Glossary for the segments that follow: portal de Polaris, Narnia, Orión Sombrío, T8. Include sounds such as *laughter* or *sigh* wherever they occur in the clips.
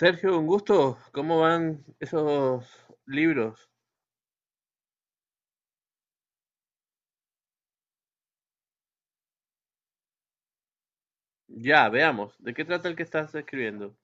Sergio, un gusto. ¿Cómo van esos libros? Ya, veamos. ¿De qué trata el que estás escribiendo?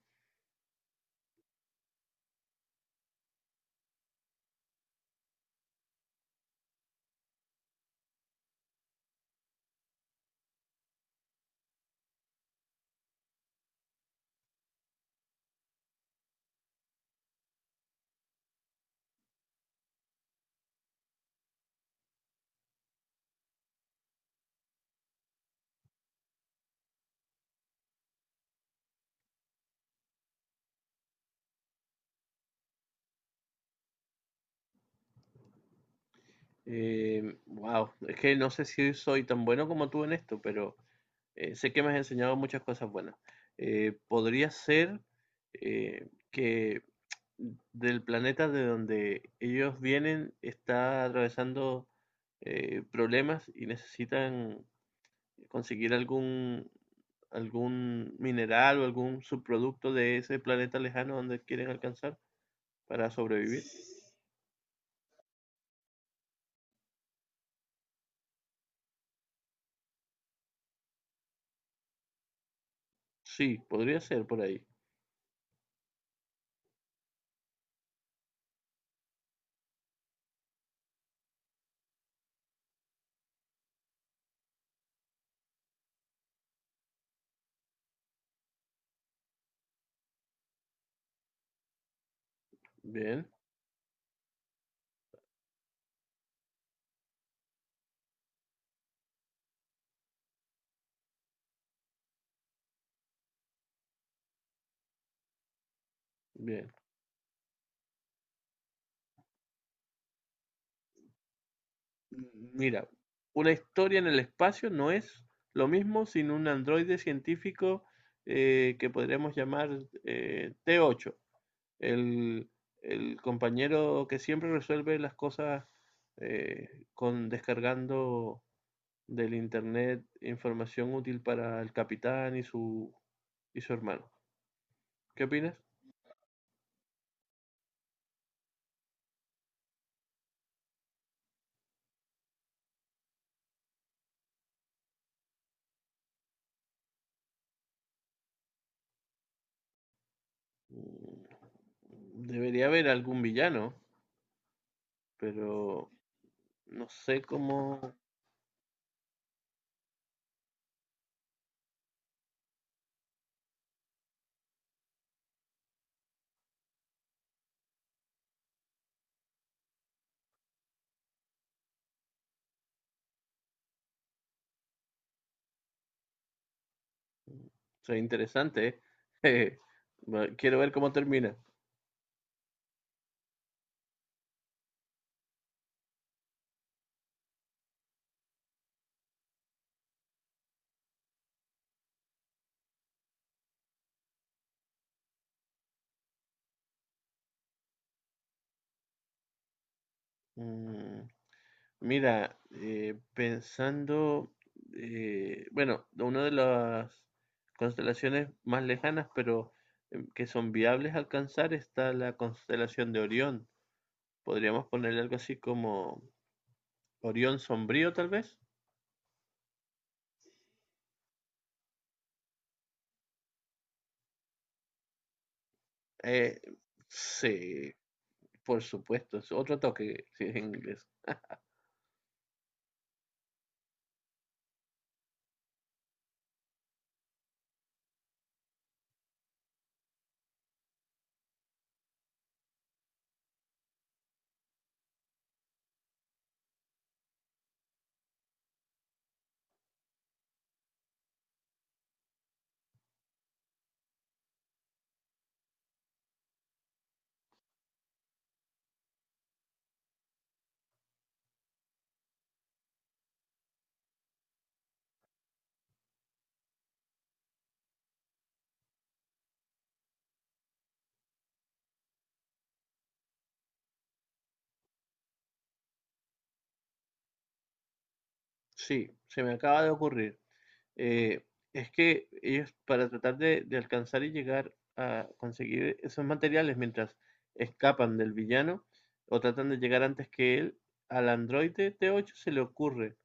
Wow, es que no sé si soy tan bueno como tú en esto, pero sé que me has enseñado muchas cosas buenas. Podría ser que del planeta de donde ellos vienen está atravesando problemas y necesitan conseguir algún mineral o algún subproducto de ese planeta lejano donde quieren alcanzar para sobrevivir. Sí, podría ser por ahí. Bien, bien. Mira, una historia en el espacio no es lo mismo sin un androide científico que podríamos llamar T8, el, el compañero que siempre resuelve las cosas eh, con descargando del internet información útil para el capitán y su hermano. ¿Qué opinas? Mm, Debería haber algún villano, pero no sé cómo. O sea, interesante, ¿eh? *laughs* Quiero ver cómo termina. Mm, Mira, pensando, bueno, una de las constelaciones más lejanas, pero que son viables alcanzar, está la constelación de Orión. Podríamos ponerle algo así como Orión Sombrío, tal vez. Eh, sí, por supuesto, es otro toque si es en inglés. Sí, se me acaba de ocurrir. Eh, es que ellos, para tratar de alcanzar y llegar a conseguir esos materiales mientras escapan del villano o tratan de llegar antes que él, al androide T8 se le ocurre,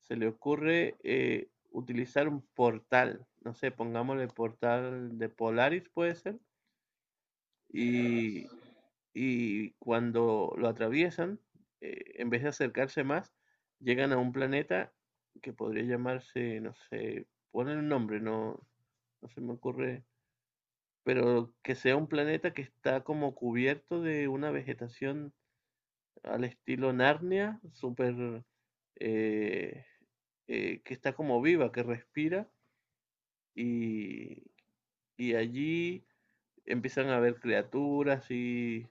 se le ocurre utilizar un portal, no sé, pongámosle portal de Polaris puede ser. Y, y cuando lo atraviesan, en vez de acercarse más, llegan a un planeta que podría llamarse, no sé, ponen un nombre, no, no se me ocurre, pero que sea un planeta que está como cubierto de una vegetación al estilo Narnia, súper, eh, que está como viva, que respira, y, y allí empiezan a ver criaturas y,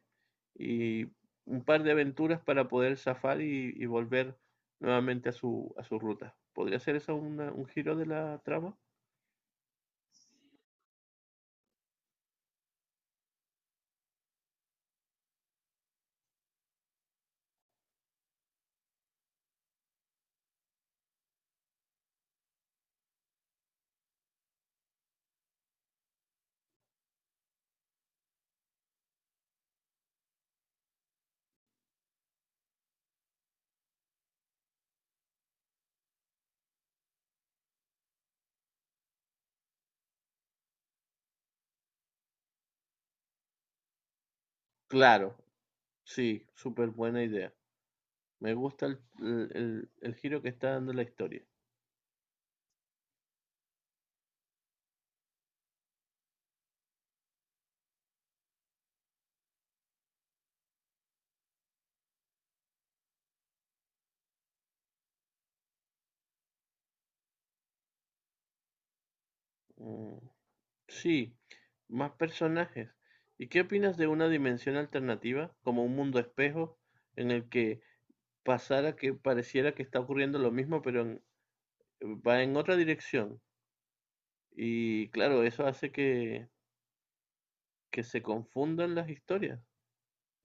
y un par de aventuras para poder zafar y volver nuevamente a su ruta. ¿Podría ser eso un giro de la trama? Claro, sí, súper buena idea. Me gusta el giro que está dando la historia. Mm, sí, más personajes. ¿Y qué opinas de una dimensión alternativa, como un mundo espejo, en el que pasara que pareciera que está ocurriendo lo mismo, pero va en otra dirección? Y claro, eso hace que se confundan las historias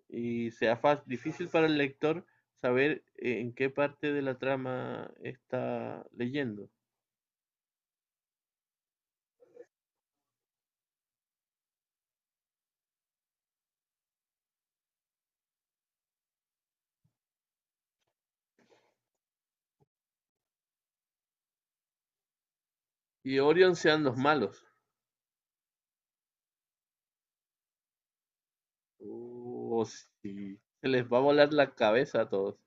y sea fácil, difícil para el lector saber en qué parte de la trama está leyendo. Y Orion sean los malos. O si se les va a volar la cabeza a todos.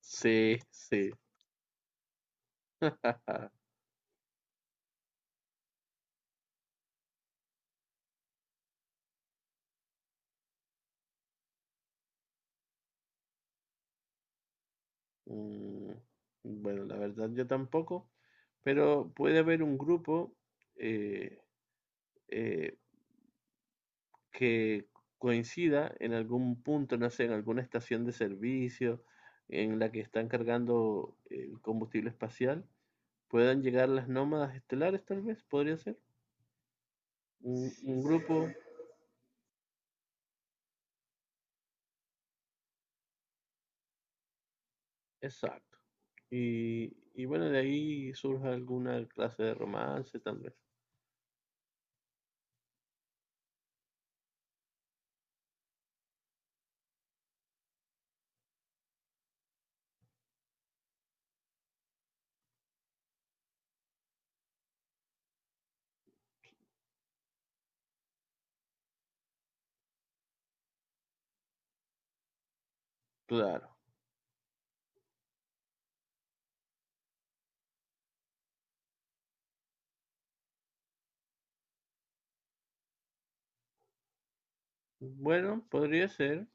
Sí, sí. *laughs* Mm, bueno, la verdad yo tampoco. Pero puede haber un grupo eh, eh, que coincida en algún punto, no sé, en alguna estación de servicio en la que están cargando el combustible espacial, puedan llegar las nómadas estelares, tal vez, podría ser. Un grupo, exacto. Y bueno, de ahí surge alguna clase de romance, tal vez. Claro. Bueno, podría ser.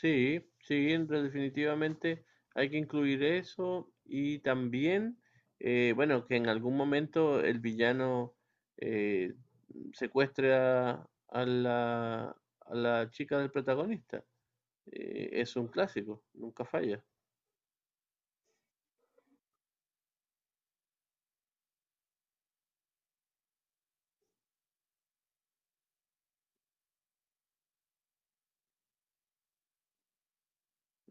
Sí, sí, definitivamente hay que incluir eso y también, bueno, que en algún momento el villano eh, secuestre a la chica del protagonista. Es un clásico, nunca falla.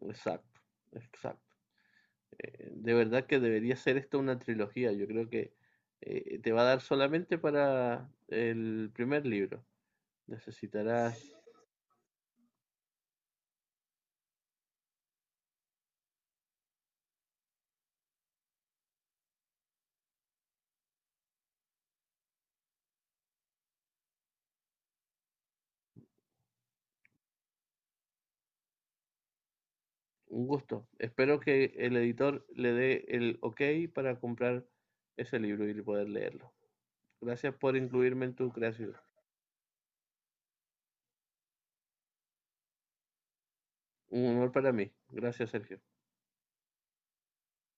Exacto, exacto. De verdad que debería ser esto una trilogía. Yo creo que te va a dar solamente para el primer libro. Necesitarás. Un gusto. Espero que el editor le dé el ok para comprar ese libro y poder leerlo. Gracias por incluirme en tu creación. Un honor para mí. Gracias, Sergio.